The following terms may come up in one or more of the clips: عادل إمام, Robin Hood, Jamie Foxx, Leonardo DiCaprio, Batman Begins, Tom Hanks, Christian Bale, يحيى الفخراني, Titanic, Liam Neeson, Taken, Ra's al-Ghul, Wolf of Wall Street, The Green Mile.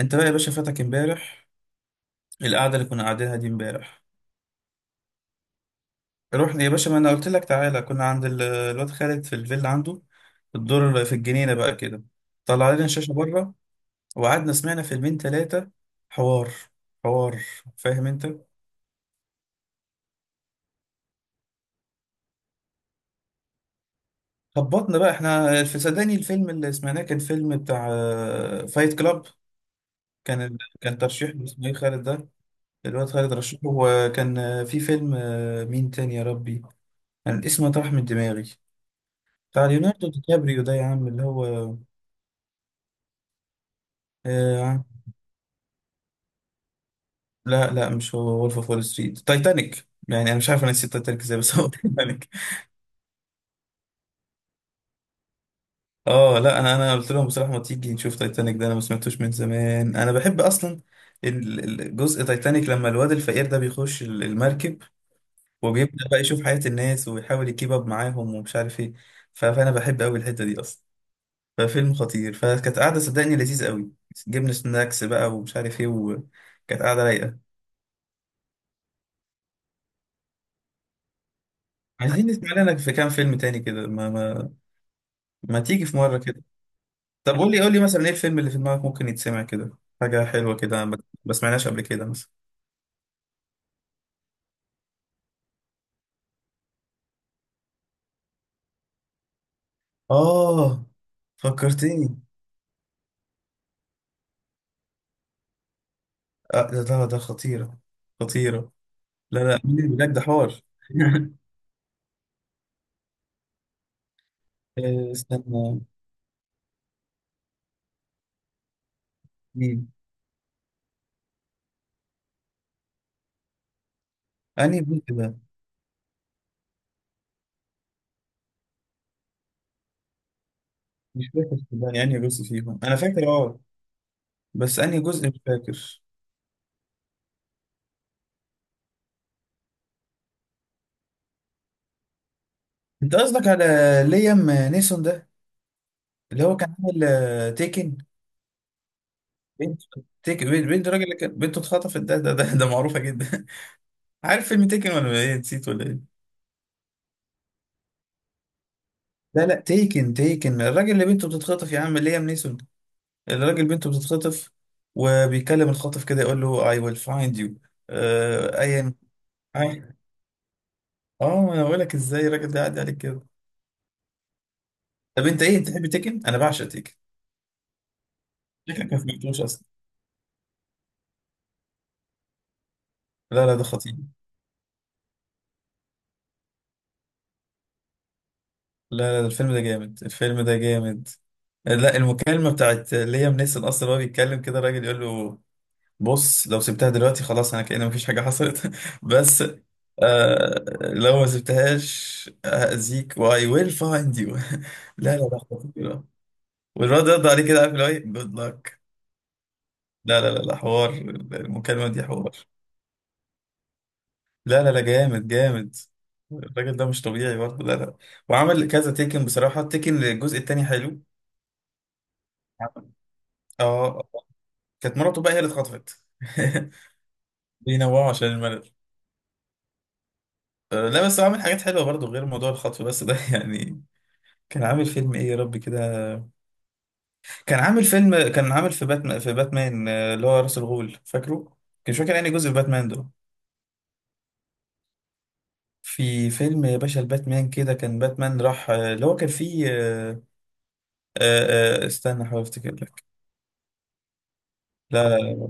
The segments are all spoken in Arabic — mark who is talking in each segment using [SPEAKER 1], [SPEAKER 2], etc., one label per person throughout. [SPEAKER 1] انت بقى يا باشا فاتك امبارح. القعده اللي كنا قاعدينها دي امبارح. رحنا يا باشا، ما انا قلت لك تعالى، كنا عند الواد خالد في الفيلا عنده، في الدور في الجنينه بقى كده. طلع لنا الشاشه بره وقعدنا سمعنا فيلمين ثلاثه. حوار، حوار، فاهم انت. خبطنا بقى احنا في، صدقني الفيلم اللي سمعناه كان فيلم بتاع فايت كلاب. كان ترشيح، اسمه ايه خالد ده، الواد خالد رشحه، وكان في فيلم، مين تاني يا ربي، كان اسمه طرح من دماغي، بتاع ليوناردو دي كابريو ده يا عم، اللي هو آه... لا لا، مش هو وولف اوف وول ستريت، تايتانيك. يعني انا مش عارف انا نسيت تايتانيك ازاي بس هو تايتانيك. اه لا، انا قلت لهم بصراحه، ما تيجي نشوف تايتانيك ده، انا ما سمعتوش من زمان، انا بحب اصلا جزء تايتانيك لما الواد الفقير ده بيخش المركب وبيبدا بقى يشوف حياه الناس ويحاول يكيب اب معاهم ومش عارف ايه. فانا بحب قوي الحته دي اصلا. ففيلم خطير، فكانت قاعده صدقني لذيذ قوي، جبنا سناكس بقى ومش عارف ايه، وكانت قاعده رايقه. عايزين نسمع لنا في كام فيلم تاني كده، ما ما تيجي في مرة كده. طب قول لي قول لي مثلا ايه الفيلم اللي في دماغك ممكن يتسمع كده، حاجة حلوة كده ما سمعناش قبل كده مثلا. اه، فكرتني. آه ده خطيرة، خطيرة. لا لا، مين اللي بلاك ده، حوار. استنى. مين؟ انهي جزء ده؟ مش فاكر صدقني انهي جزء فيهم، انا فاكر اه، بس انهي جزء مش فاكر. انت قصدك على ليام نيسون ده؟ اللي هو كان عامل تيكن بنت تيكن، بنت الراجل اللي كان بنته اتخطفت، ده معروفه جدا. عارف فيلم تيكن ولا ايه؟ نسيت ولا ايه؟ لا لا، تيكن الراجل اللي بنته بتتخطف يا عم، ليام نيسون، الراجل بنته بتتخطف، وبيكلم الخاطف كده يقول له I will find you. آه ايا. أي- اه انا بقول لك ازاي الراجل ده قاعد عليك كده. طب انت ايه، انت تحب تيكن؟ انا بعشق تيكن. تيكن ما سمعتوش اصلا. لا لا، ده خطير. لا لا، ده الفيلم ده جامد، الفيلم ده جامد. لا، المكالمة بتاعت ليام نيسون أصلا وهو بيتكلم كده، الراجل يقول له بص، لو سبتها دلوقتي خلاص انا كأن مفيش حاجة حصلت بس، لو ما سبتهاش هأذيك. واي ويل فايند يو. لا لا لا، خطيرة. والواد رد عليه كده، عارف اللي هو ايه، جود لك. لا لا لا لا، حوار. المكالمة دي حوار. لا لا لا، جامد جامد. الراجل ده مش طبيعي برضه، لا لا. وعمل كذا تيكن، بصراحة التيكن الجزء التاني حلو. اه. كانت مراته بقى هي اللي اتخطفت بينوعوا عشان الملل. لا، بس هو عامل حاجات حلوة برضه غير موضوع الخطف بس ده يعني. كان عامل فيلم ايه يا رب كده؟ كان عامل فيلم، كان عامل في باتمان اللي هو راس الغول فاكره. كان مش فاكر انهي جزء في باتمان ده. في فيلم يا باشا الباتمان كده، كان باتمان راح اللي هو كان فيه، استنى، احاول افتكر لك. لا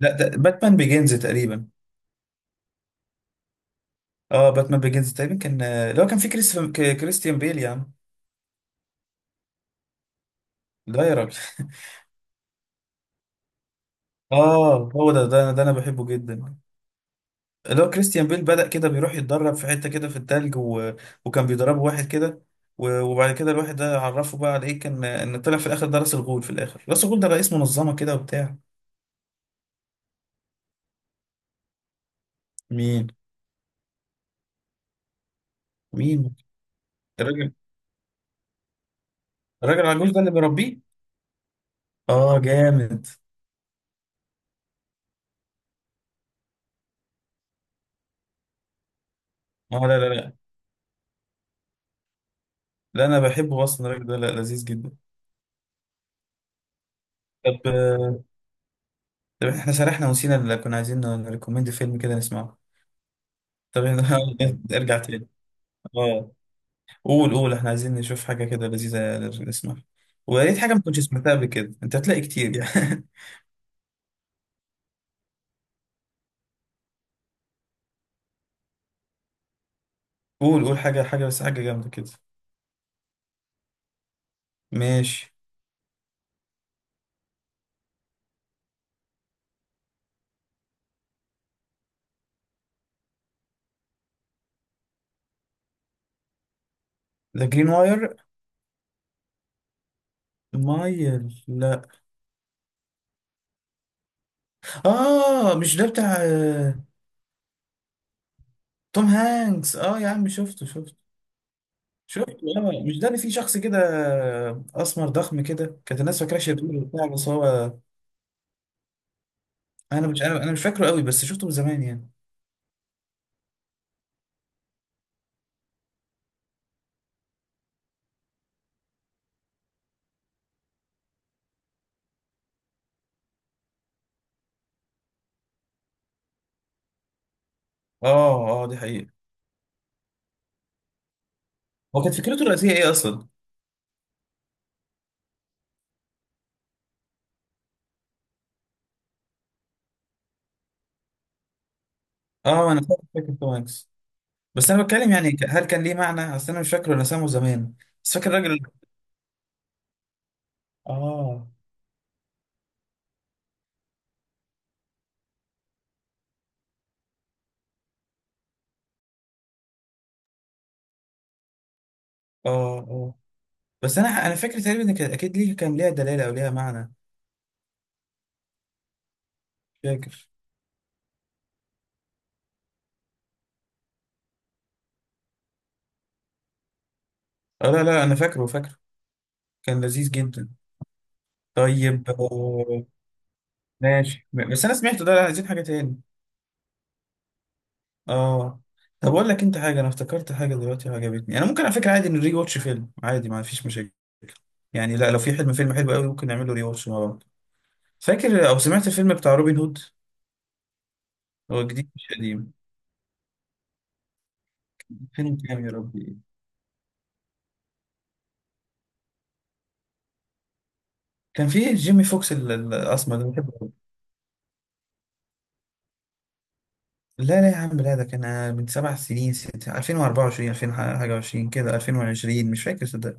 [SPEAKER 1] لا، ده باتمان بيجينز تقريبا. اه باتمان بيجينز تقريبا، كان اللي هو كان فيه كريستيان بيل يا عم. ده يا راجل اه، هو ده ده انا بحبه جدا. اللي هو كريستيان بيل بدأ كده بيروح يتدرب في حتة كده في التلج وكان بيدربه واحد كده، وبعد كده الواحد ده عرفه بقى على ايه، كان ان طلع في الاخر ده راس الغول، في الاخر راس الغول ده رئيس منظمة كده وبتاع. مين مين الراجل الراجل العجوز ده اللي بيربيه. اه جامد. اه لا لا لا لا، انا بحبه اصلا الراجل ده، لا، لذيذ جدا. طب طب احنا سرحنا ونسينا اللي كنا عايزين نريكومند فيلم كده نسمعه. طب ارجع تاني. اه، قول قول، احنا عايزين نشوف حاجة كده لذيذة نسمعها، ويا ريت حاجة ما كنتش سمعتها قبل كده، انت هتلاقي كتير يعني. قول قول حاجة بس، حاجة جامدة كده. ماشي. ذا جرين واير، مايل، لا. اه مش ده بتاع توم هانكس؟ اه يا عم شفته، شفته شفته. اه مش ده اللي فيه شخص كده اسمر ضخم كده، كانت الناس فاكراه شرير وبتاع بس هو، انا مش انا أنا مش فاكره قوي، بس شفته من زمان يعني. اه اه، دي حقيقة. هو كانت فكرته الرئيسية ايه اصلا؟ اه انا فاكر توم هانكس. بس انا بتكلم يعني، هل كان ليه معنى؟ اصل انا مش فاكره، انا سامه زمان بس فاكر الراجل. اه. اه اه، بس انا فاكر تقريبا ان كان اكيد ليه، كان ليها دلاله او ليها معنى. فاكر. اه لا لا، انا فاكره فاكره، كان لذيذ جدا. طيب ماشي بس انا سمعته ده، لا، عايزين حاجه تاني. اه. طب اقول لك انت حاجه، انا افتكرت حاجه دلوقتي وعجبتني، انا ممكن على فكره عادي نري واتش فيلم، عادي ما فيش مشاكل يعني. لا، لو في حلم فيلم حلو قوي ممكن نعمله ري واتش مع بعض. فاكر او سمعت الفيلم بتاع روبن هود؟ هو جديد مش قديم. فيلم كام يا ربي؟ كان في جيمي فوكس، الاسمر ده بحبه أوي. لا لا يا عم، لا، ده كان من 7 سنين، ست 2024، 2000 حاجه و20 كده، 2020، مش فاكر صدق.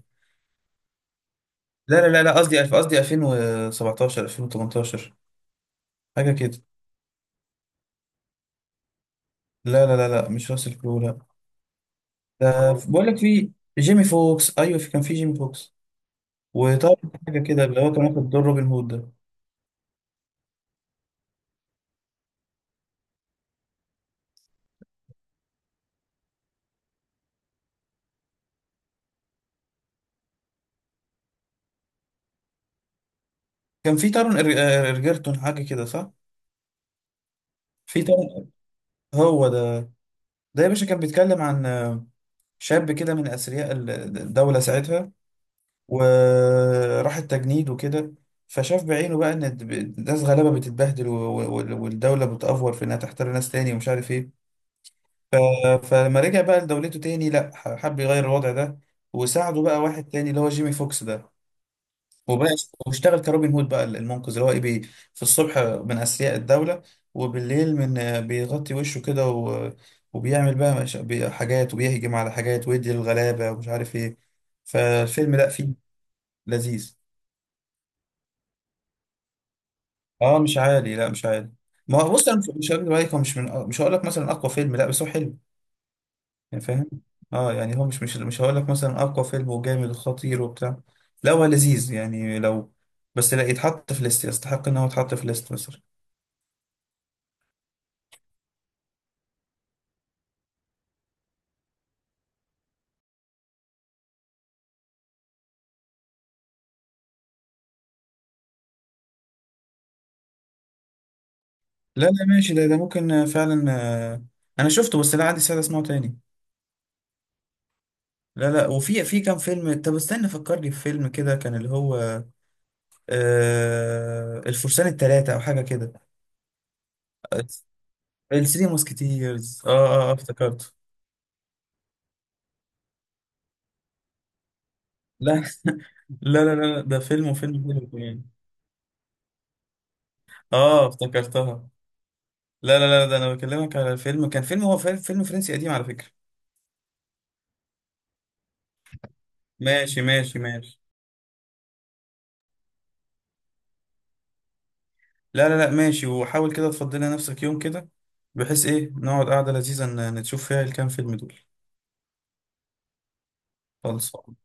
[SPEAKER 1] لا لا لا لا، قصدي قصدي 2017، 2018 حاجه كده. لا لا لا لا، مش راسل كرو، لا. ده بقول لك في، جيمي فوكس ايوه، في، كان في جيمي فوكس، وطارون حاجه كده، اللي هو كان واخد دور روبن هود ده. كان في تارون إرجرتون حاجه كده، صح. في تارون، هو ده. ده يا باشا كان بيتكلم عن شاب كده من أثرياء الدولة ساعتها، وراح التجنيد وكده. فشاف بعينه بقى إن ناس غلابة بتتبهدل والدولة بتأفور في إنها تحتار ناس تاني ومش عارف إيه. ف- فلما رجع بقى لدولته تاني، لأ، حب يغير الوضع ده، وساعده بقى واحد تاني اللي هو جيمي فوكس ده. وبقى واشتغل كروبن هود بقى المنقذ، اللي هو ايه، في الصبح من اثرياء الدوله، وبالليل، من بيغطي وشه كده وبيعمل بقى مش... بي- حاجات، وبيهجم على حاجات ويدي الغلابه ومش عارف ايه. فالفيلم لا، فيه لذيذ. اه مش عالي، لا مش عالي. ما هو بص، انا مش هقول عليك، هو مش، من مش هقول لك مثلا اقوى فيلم لا، بس هو حلو يعني، فاهم. اه يعني هو مش هقول لك مثلا اقوى فيلم وجامد وخطير وبتاع، لا، هو لذيذ يعني لو، بس لا، يتحط في ليست، يستحق ان هو يتحط في ليست بس. لا لا ماشي، ده ممكن فعلا. آه، انا شفته بس لا، عندي سعادة اسمعه تاني. لا لا، وفي كام فيلم، طب استنى فكرني في فيلم كده كان اللي هو الفرسان الثلاثة او حاجة كده. الثري موسكيتيرز، افتكرته. لا لا لا لا، ده فيلم، وفيلم حلو كمان. اه افتكرتها. لا لا لا، ده انا بكلمك على فيلم، كان فيلم، هو فيلم فرنسي قديم على فكرة. ماشي ماشي ماشي. لا لا لا ماشي، وحاول كده تفضلي نفسك يوم كده، بحيث ايه، نقعد قعدة لذيذة نشوف فيها الكام فيلم دول. خلصان.